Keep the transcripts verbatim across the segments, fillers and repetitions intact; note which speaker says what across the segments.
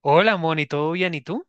Speaker 1: Hola, Moni, ¿todo bien? ¿Y tú?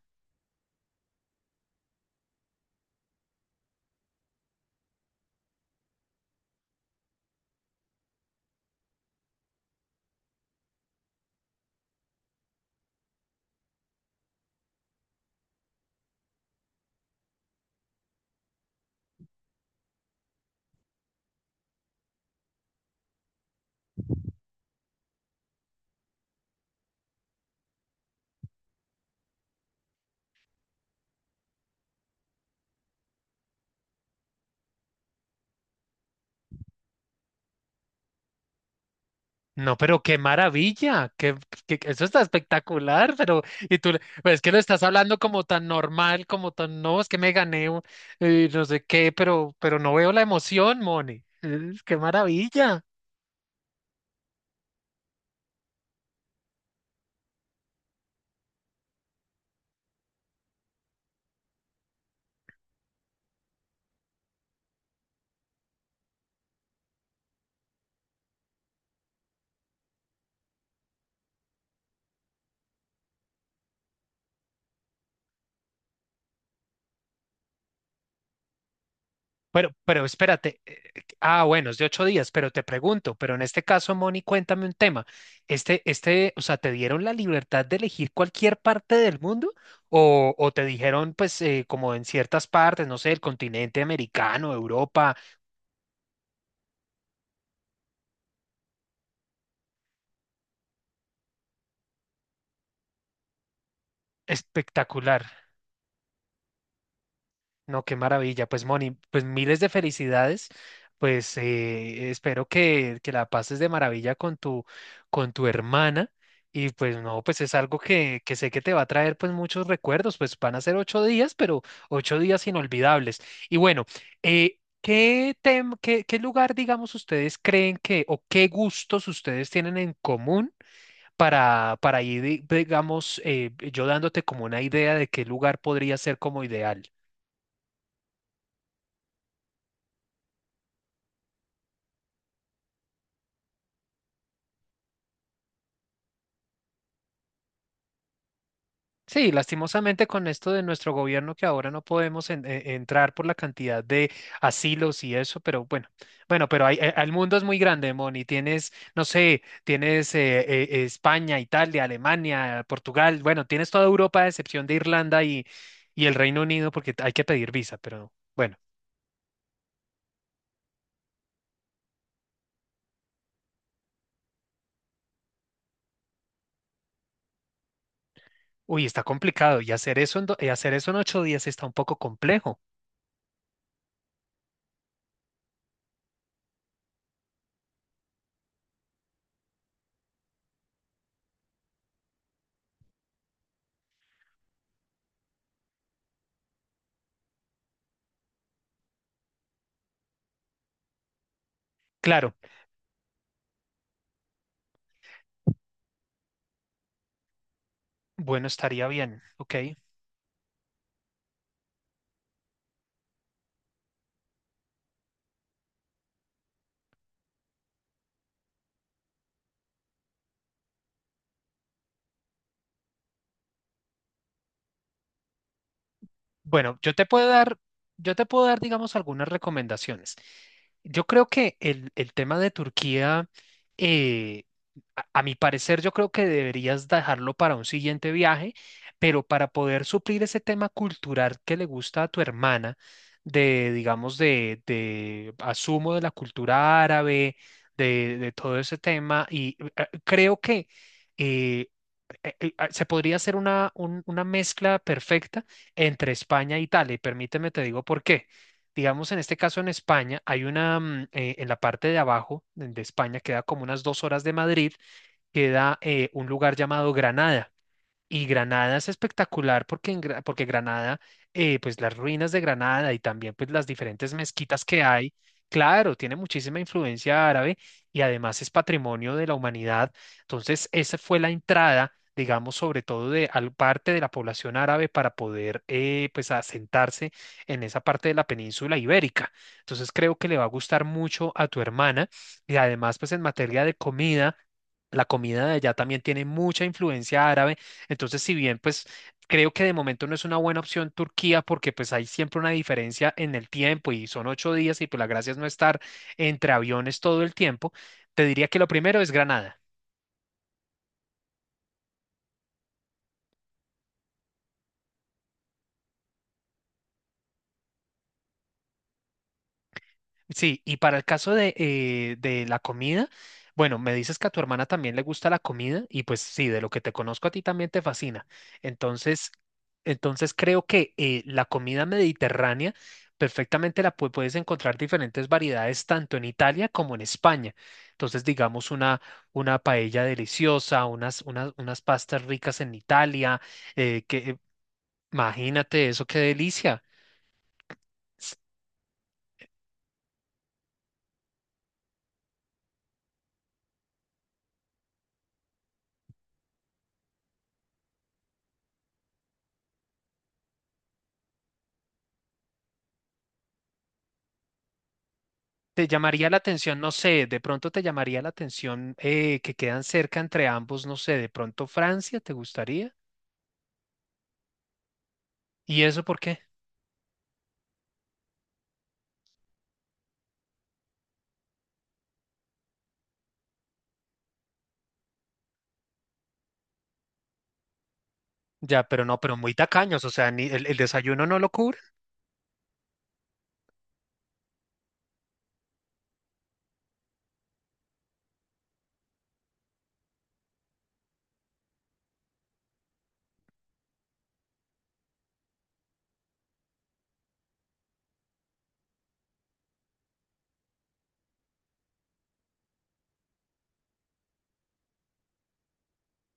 Speaker 1: No, pero qué maravilla, qué, qué- eso está espectacular, pero y tú, le- pues es que lo estás hablando como tan normal, como tan, no, es que me gané, un- eh, no sé qué, pero, pero no veo la emoción, Moni, Es- qué maravilla. Pero, pero espérate, eh, eh, ah, bueno, es de ocho días, pero te pregunto, pero en este caso, Moni, cuéntame un tema. Este, este, o sea, ¿te dieron la libertad de elegir cualquier parte del mundo? ¿O, o te dijeron, pues, eh, como en ciertas partes, no sé, el continente americano, Europa? Espectacular. No, qué maravilla. Pues Moni, pues miles de felicidades. Pues eh, espero que, que la pases de maravilla con tu, con tu hermana. Y pues no, pues es algo que, que sé que te va a traer pues muchos recuerdos. Pues van a ser ocho días, pero ocho días inolvidables. Y bueno, eh, ¿qué, tem- qué, qué lugar, digamos, ustedes creen que o qué gustos ustedes tienen en común para, para ir, di- digamos, eh, yo dándote como una idea de qué lugar podría ser como ideal? Sí, lastimosamente con esto de nuestro gobierno que ahora no podemos en- e- entrar por la cantidad de asilos y eso, pero bueno, bueno, pero hay- eh, el mundo es muy grande, Moni. Tienes, no sé, tienes eh, eh, España, Italia, Alemania, Portugal, bueno, tienes toda Europa a excepción de Irlanda y, y el Reino Unido porque hay que pedir visa, pero bueno, uy, está complicado y hacer eso en, do- y hacer eso en ocho días está un poco complejo. Claro, bueno, estaría bien, ok. Bueno, yo te puedo dar, yo te puedo dar, digamos, algunas recomendaciones. Yo creo que el, el tema de Turquía, eh, a, a mi parecer, yo creo que deberías dejarlo para un siguiente viaje, pero para poder suplir ese tema cultural que le gusta a tu hermana, de, digamos, de, de asumo de la cultura árabe, de, de todo ese tema, y eh, creo que. Eh, eh, eh, ah, se podría hacer una, un- una mezcla perfecta entre España e Italia, y permíteme te digo por qué. Digamos, en este caso en España, hay una, mm, eh, en la parte de abajo de de España, queda como unas dos horas de Madrid, queda eh, un lugar llamado Granada. Y Granada es espectacular porque, en Gra- porque Granada, eh, pues las ruinas de Granada y también pues las diferentes mezquitas que hay, claro, tiene muchísima influencia árabe y además es patrimonio de la humanidad. Entonces, esa fue la entrada, digamos, sobre todo de al- parte de la población árabe para poder eh, pues asentarse en esa parte de la península ibérica. Entonces, creo que le va a gustar mucho a tu hermana y además pues en materia de comida. La comida de allá también tiene mucha influencia árabe, entonces, si bien, pues creo que de momento no es una buena opción Turquía porque pues hay siempre una diferencia en el tiempo y son ocho días y pues la gracia es no estar entre aviones todo el tiempo, te diría que lo primero es Granada. Sí, y para el caso de, eh, de la comida, bueno, me dices que a tu hermana también le gusta la comida y pues sí, de lo que te conozco a ti también te fascina. Entonces, entonces creo que eh, la comida mediterránea perfectamente la pu- puedes encontrar diferentes variedades tanto en Italia como en España. Entonces, digamos una, una paella deliciosa, unas, unas, unas pastas ricas en Italia, eh, que imagínate eso, qué delicia. Te llamaría la atención, no sé, de pronto te llamaría la atención eh, que quedan cerca entre ambos, no sé, de pronto Francia, ¿te gustaría? ¿Y eso por qué? Ya, pero no, pero muy tacaños, o sea, ni el, el desayuno no lo cubre,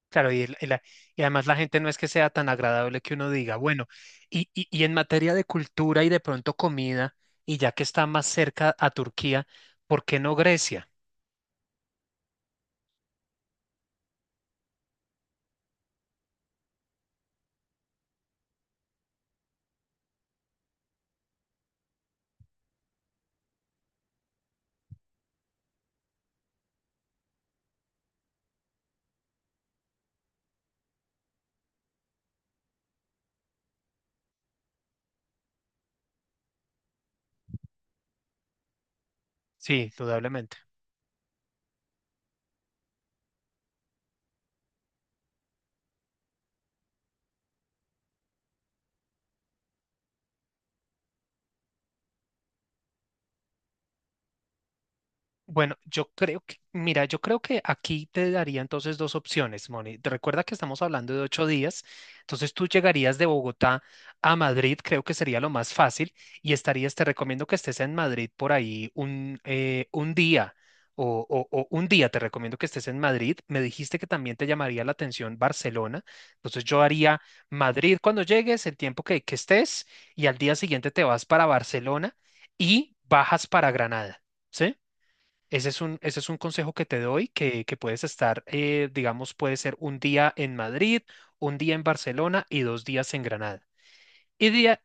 Speaker 1: claro, y, el- y la- y además la gente no es que sea tan agradable que uno diga, bueno, y, y, y en materia de cultura y de pronto comida, y ya que está más cerca a Turquía, ¿por qué no Grecia? Sí, indudablemente. Bueno, yo creo que, mira, yo creo que aquí te daría entonces dos opciones, Moni. Te recuerda que estamos hablando de ocho días, entonces tú llegarías de Bogotá a Madrid, creo que sería lo más fácil, y estarías, te recomiendo que estés en Madrid por ahí un, eh, un día, o, o- o un día te recomiendo que estés en Madrid. Me dijiste que también te llamaría la atención Barcelona, entonces yo haría Madrid cuando llegues, el tiempo que, que estés, y al día siguiente te vas para Barcelona y bajas para Granada. ¿Sí? Ese es un, ese es un consejo que te doy, que, que puedes estar, eh, digamos, puede ser un día en Madrid, un día en Barcelona y dos días en Granada. Y día,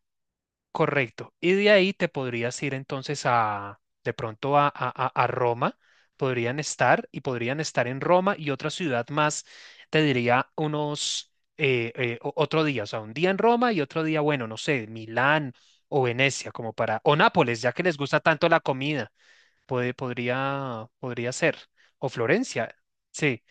Speaker 1: correcto. Y de ahí te podrías ir entonces a, de pronto a, a, a a Roma. Podrían estar y podrían estar en Roma y otra ciudad más, te diría unos, eh, eh, o- otro día, o sea, un día en Roma y otro día, bueno, no sé, Milán o Venecia, como para, o Nápoles, ya que les gusta tanto la comida puede, podría, podría ser, o Florencia, sí.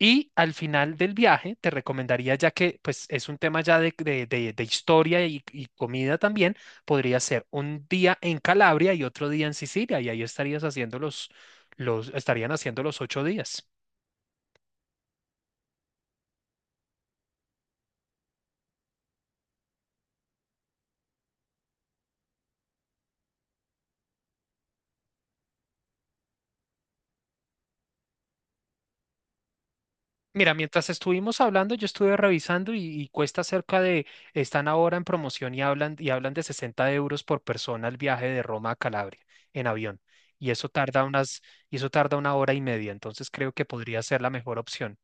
Speaker 1: Y al final del viaje te recomendaría, ya que pues es un tema ya de, de- de- de historia y, y comida también, podría ser un día en Calabria y otro día en Sicilia, y ahí estarías haciendo los, los, estarían haciendo los ocho días. Mira, mientras estuvimos hablando, yo estuve revisando y, y cuesta cerca de, están ahora en promoción y hablan, y hablan de sesenta euros por persona el viaje de Roma a Calabria en avión. Y eso tarda unas, y eso tarda una hora y media, entonces creo que podría ser la mejor opción.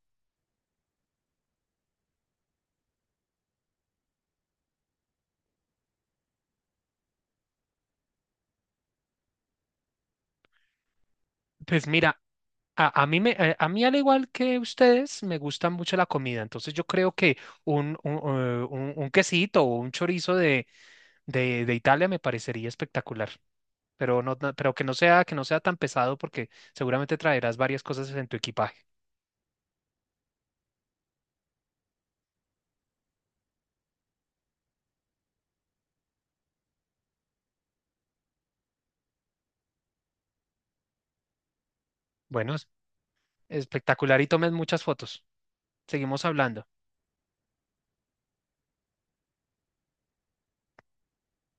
Speaker 1: Pues mira, a, a mí me, a, a mí al igual que ustedes, me gusta mucho la comida, entonces yo creo que un, un, eh, un- un quesito o un chorizo de, de, de Italia me parecería espectacular. Pero no, no- pero que no sea, que no sea tan pesado porque seguramente traerás varias cosas en tu equipaje. Bueno, es- espectacular y tomes muchas fotos. Seguimos hablando.